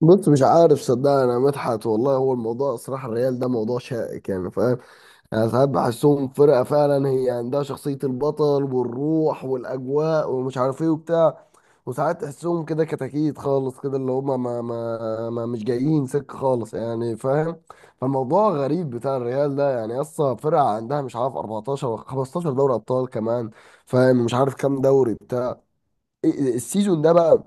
بص، مش عارف، صدقني انا مدحت والله. هو الموضوع صراحه الريال ده موضوع شائك، يعني فاهم. انا ساعات بحسهم فرقه فعلا، هي عندها شخصيه البطل والروح والاجواء ومش عارف ايه وبتاع. وساعات تحسهم كده كتاكيت خالص كده، اللي هم ما مش جايين سكه خالص، يعني فاهم. فالموضوع غريب بتاع الريال ده، يعني اصلا فرقه عندها مش عارف 14 ولا 15 دوري ابطال كمان، فاهم. مش عارف كام دوري بتاع. السيزون ده بقى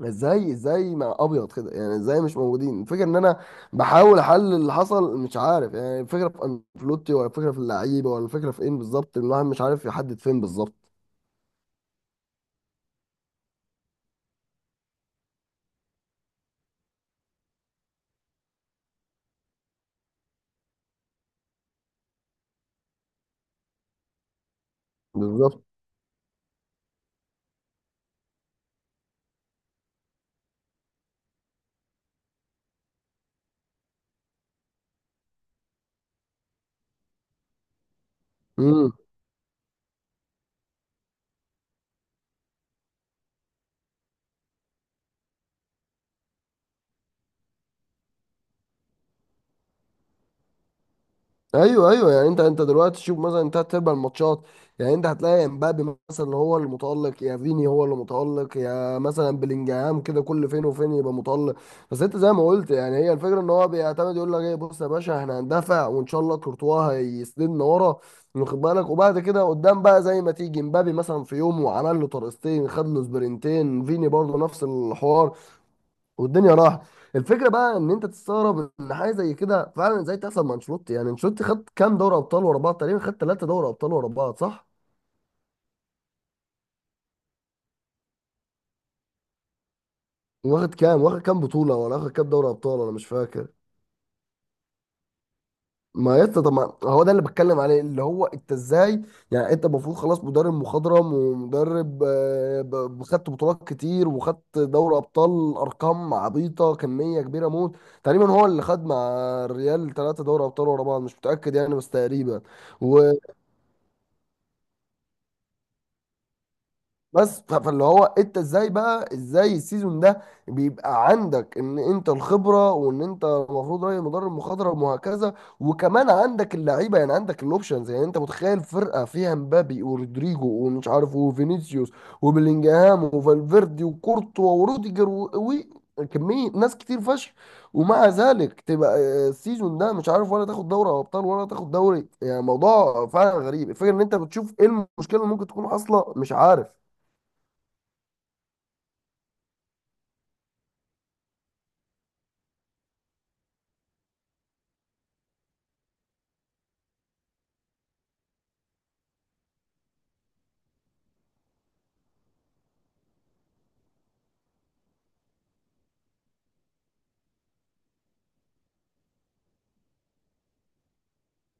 ازاي مع ابيض كده؟ يعني ازاي مش موجودين؟ الفكره ان انا بحاول احلل اللي حصل، مش عارف. يعني الفكره في انفلوتي، ولا الفكره في اللعيبه، ولا الفكره في ايه بالظبط؟ الواحد مش عارف يحدد فين بالظبط. بالظبط. ايوه، ايوه، يعني انت دلوقتي شوف مثلا انت تلعب الماتشات، يعني انت هتلاقي امبابي مثلا هو اللي متالق، يا فيني هو اللي متالق، يا مثلا بلينجهام كده كل فين وفين يبقى متالق. بس انت زي ما قلت، يعني هي الفكره ان هو بيعتمد يقول لك ايه، بص يا باشا احنا هندافع وان شاء الله كورتوا هيسندنا ورا، واخد بالك؟ وبعد كده قدام بقى زي ما تيجي امبابي مثلا في يوم وعمل له طرقستين، خد له سبرنتين، فيني برضه نفس الحوار، والدنيا راحت. الفكره بقى ان انت تستغرب ان حاجه زي كده فعلا ازاي تحصل مع انشيلوتي. يعني انشيلوتي خد كام دوري ابطال ورا بعض؟ تقريبا خد ثلاثه دوري ابطال ورا بعض، صح؟ واخد كام بطوله ولا واخد كام دوري ابطال؟ انا مش فاكر. ما يا اسطى، طب ما هو ده اللي بتكلم عليه، اللي هو انت ازاي؟ يعني انت المفروض خلاص مدرب مخضرم ومدرب، خدت بطولات كتير وخدت دوري ابطال ارقام عبيطه، كميه كبيره موت. تقريبا هو اللي خد مع الريال ثلاثه دوري ابطال ورا بعض، مش متاكد يعني، بس تقريبا. و... بس فاللي هو انت ازاي بقى؟ ازاي السيزون ده بيبقى عندك ان انت الخبره، وان انت المفروض راجل مدرب مخاضره وهكذا، وكمان عندك اللعيبه، يعني عندك الاوبشنز. يعني انت متخيل فرقه فيها مبابي ورودريجو ومش عارف وفينيسيوس وبلينجهام وفالفيردي وكورتوا وروديجر و كمية ناس كتير فشخ، ومع ذلك تبقى السيزون ده مش عارف ولا تاخد دوري ابطال ولا تاخد دوري، يعني موضوع فعلا غريب. الفكره ان انت بتشوف ايه المشكله اللي ممكن تكون حاصله؟ مش عارف.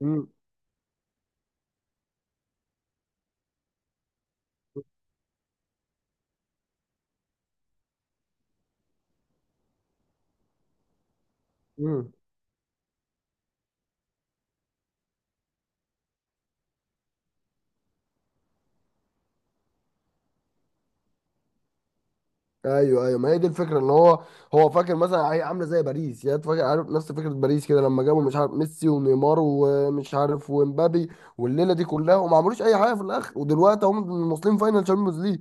امم. امم. ايوه، ايوه. ما هي دي الفكره ان هو هو فاكر مثلا هي عامله زي باريس، يعني فاكر عارف نفس فكره باريس كده، لما جابوا مش عارف ميسي ونيمار ومش عارف ومبابي والليله دي كلها، وما عملوش اي حاجه في الاخر، ودلوقتي هم واصلين فاينل تشامبيونز.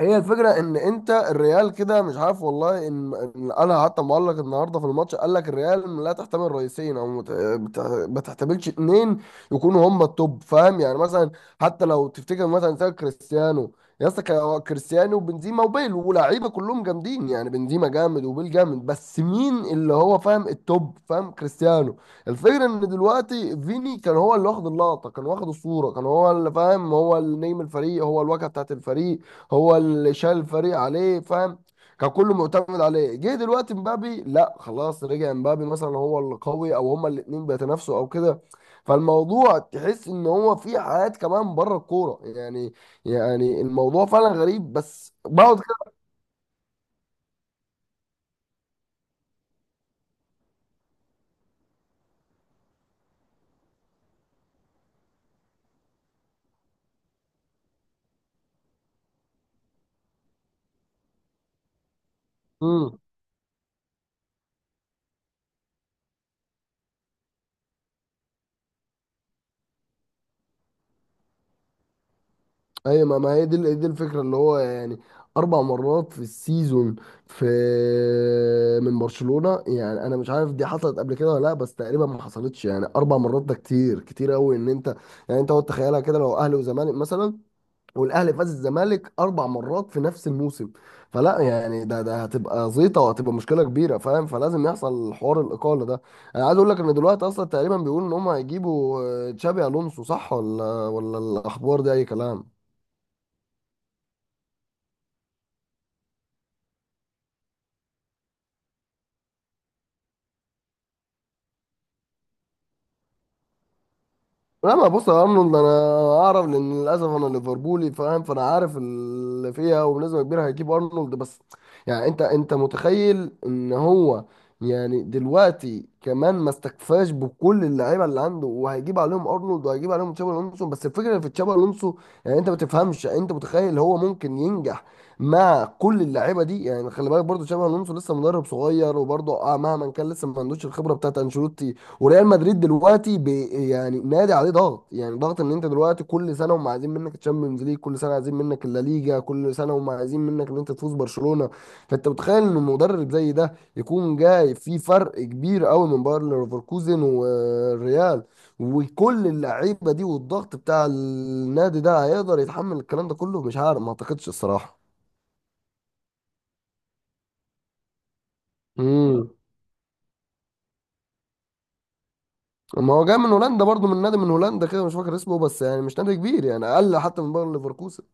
هي الفكرة ان انت الريال كده مش عارف والله. إن انا حتى معلق النهارده في الماتش قال لك الريال لا تحتمل رئيسين، او ما تحتملش اتنين يكونوا هم التوب، فاهم؟ يعني مثلا حتى لو تفتكر مثلا زي كريستيانو، يا اسطى كان هو كريستيانو وبنزيما وبيل ولاعيبه كلهم جامدين. يعني بنزيما جامد وبيل جامد، بس مين اللي هو فاهم التوب؟ فاهم؟ كريستيانو. الفكرة ان دلوقتي فيني كان هو اللي واخد اللقطة، كان واخد الصورة، كان هو اللي فاهم، هو اللي نجم الفريق، هو الواجهة بتاعت الفريق، هو اللي شايل الفريق عليه، فاهم؟ كان كله معتمد عليه. جه دلوقتي مبابي، لا خلاص رجع مبابي مثلا هو اللي قوي، او هما الاتنين بيتنافسوا او كده. فالموضوع تحس ان هو في حياة كمان بره الكورة، يعني. يعني الموضوع فعلا غريب، بس بقعد كده. ايوه، ما ما هي دي دي الفكره اللي هو يعني اربع مرات في السيزون، في، من برشلونه. يعني انا مش عارف دي حصلت قبل كده ولا لا، بس تقريبا ما حصلتش، يعني اربع مرات ده كتير كتير قوي ان انت. يعني انت اقعد تخيلها كده، لو اهلي وزمالك مثلا والاهلي فاز الزمالك اربع مرات في نفس الموسم، فلا يعني ده هتبقى زيطه وهتبقى مشكله كبيره، فاهم؟ فلازم يحصل حوار الاقاله ده. انا عايز اقول لك ان دلوقتي اصلا تقريبا بيقولوا ان هم هيجيبوا تشابي الونسو، صح؟ ولا الاخبار دي اي كلام؟ لا ما، بص يا ارنولد انا اعرف، لان للاسف انا ليفربولي، فاهم؟ فانا عارف اللي فيها، وبنسبه كبيره هيجيب ارنولد. بس يعني انت متخيل ان هو، يعني دلوقتي كمان ما استكفاش بكل اللعيبه اللي عنده وهيجيب عليهم ارنولد وهيجيب عليهم تشابي الونسو. بس الفكره في تشابي الونسو، يعني انت ما تفهمش، يعني انت متخيل هو ممكن ينجح مع كل اللعيبه دي؟ يعني خلي بالك برضو تشابي الونسو لسه مدرب صغير، وبرضو آه مهما كان لسه ما عندوش الخبره بتاعت انشيلوتي. وريال مدريد دلوقتي يعني نادي عليه ضغط، يعني ضغط ان انت دلوقتي كل سنه هم عايزين منك الشامبيونز ليج، كل سنه عايزين منك اللا ليجا، كل سنه هم عايزين منك ان انت تفوز برشلونه. فانت متخيل ان مدرب زي ده يكون جاي في فرق كبير قوي من باير ليفركوزن والريال، وكل اللعيبه دي والضغط بتاع النادي ده، هيقدر يتحمل الكلام ده كله؟ مش عارف، ما اعتقدش الصراحه. امم. ما هو جاي من هولندا برضو، من نادي من هولندا كده مش فاكر اسمه، بس يعني مش نادي كبير، يعني اقل حتى من باير ليفركوزن.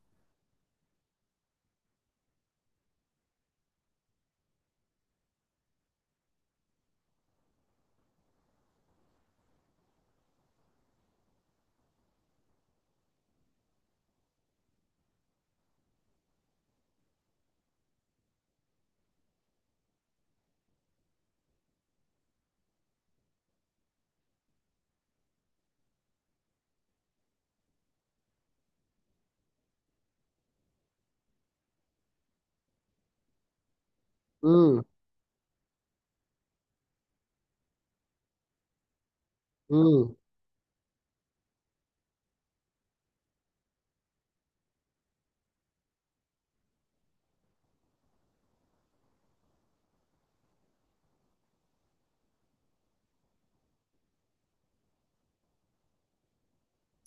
امم.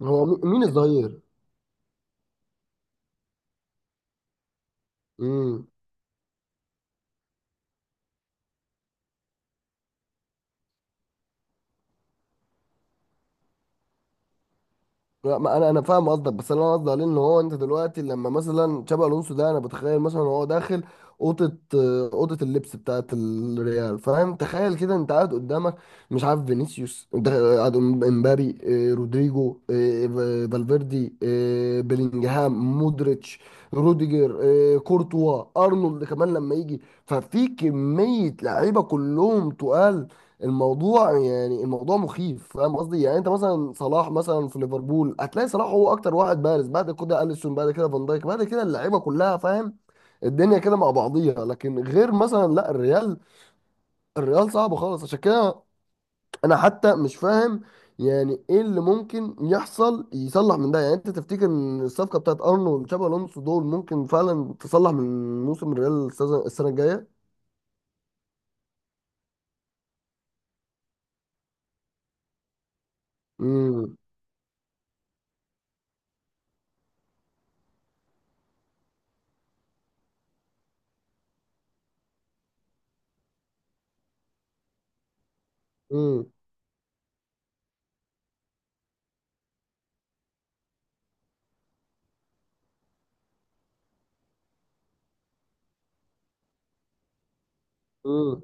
هو مين الظهير؟ امم. لا، ما انا فاهم قصدك، بس انا قصدي عليه ان هو، انت دلوقتي لما مثلا تشابي الونسو ده، انا بتخيل مثلا هو داخل اوضه، اوضه اللبس بتاعت الريال، فاهم؟ تخيل كده انت قاعد قدامك مش عارف فينيسيوس، انت قاعد قدام امبابي، رودريجو، فالفيردي، بيلينجهام، مودريتش، روديجر، كورتوا، ارنولد كمان لما يجي، ففي كميه لعيبه كلهم تقال. الموضوع يعني الموضوع مخيف، فاهم قصدي؟ يعني انت مثلا صلاح مثلا في ليفربول، هتلاقي صلاح هو اكتر واحد بارز، بعد كده اليسون، بعد كده فان دايك، بعد كده اللعيبه كلها، فاهم؟ الدنيا كده مع بعضيها، لكن غير مثلا لا الريال، الريال صعب خالص. عشان كده انا حتى مش فاهم يعني ايه اللي ممكن يحصل يصلح من ده. يعني انت تفتكر ان الصفقه بتاعت ارنولد وتشابي الونسو دول ممكن فعلا تصلح من موسم الريال السنة الجايه؟ امم. امم.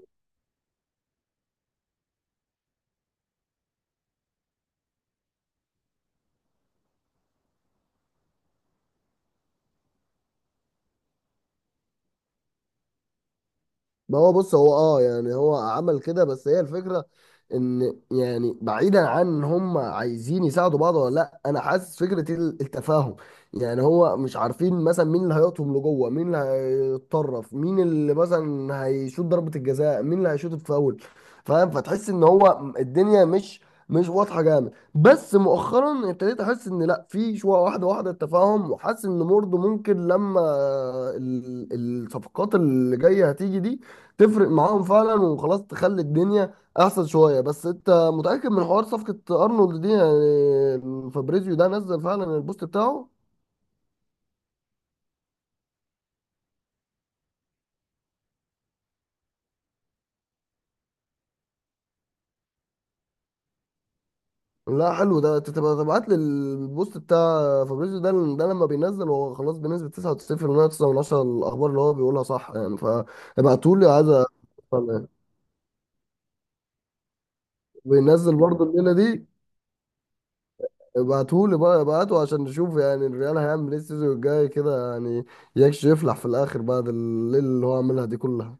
ما هو بص هو اه، يعني هو عمل كده، بس هي الفكرة ان يعني بعيدا عن ان هم عايزين يساعدوا بعض ولا لا، انا حاسس فكرة التفاهم، يعني هو مش عارفين مثلا مين اللي هيقطهم لجوه، مين اللي هيتطرف، مين اللي مثلا هيشوط ضربة الجزاء، مين اللي هيشوط الفاول، فاهم؟ فتحس ان هو الدنيا مش واضحة جامد، بس مؤخرا ابتديت احس ان لا، في شوية واحدة واحدة التفاهم، وحاسس ان برضه ممكن لما ال- الصفقات اللي جاية هتيجي دي تفرق معاهم فعلا وخلاص تخلي الدنيا احسن شويه. بس انت متاكد من حوار صفقه ارنولد دي؟ يعني فابريزيو ده نزل فعلا البوست بتاعه؟ لا حلو. ده انت تبقى تبعت لي البوست بتاع فابريزيو ده، ده لما بينزل هو خلاص بنسبه 99.9 من عشرة الاخبار اللي هو بيقولها صح، يعني فابعتولي، عايز. أ- بينزل برضه الليله دي؟ ابعتهولي بقى، ابعته عشان نشوف يعني الريال هيعمل ايه السيزون الجاي كده، يعني يكش يفلح في الاخر بعد الليله اللي هو عملها دي كلها.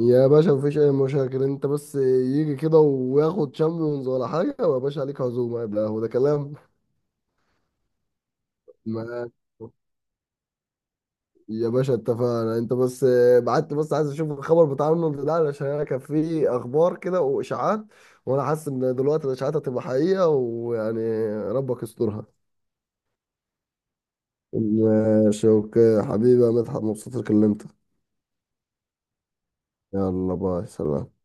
يا باشا مفيش اي مشاكل، انت بس يجي كده وياخد شامبيونز ولا حاجه، ويا باشا عليك عزومه، يبقى هو ده كلام. ما يا باشا اتفقنا، انت بس بعت لي، بس عايز اشوف الخبر بتاع رونالد ده علشان انا كان في اخبار كده واشاعات، وانا حاسس ان دلوقتي الاشاعات هتبقى حقيقه، ويعني ربك يسترها. ماشي، اوكي حبيبي يا مدحت، مبسوط إني كلمتك. يلا باي، سلام.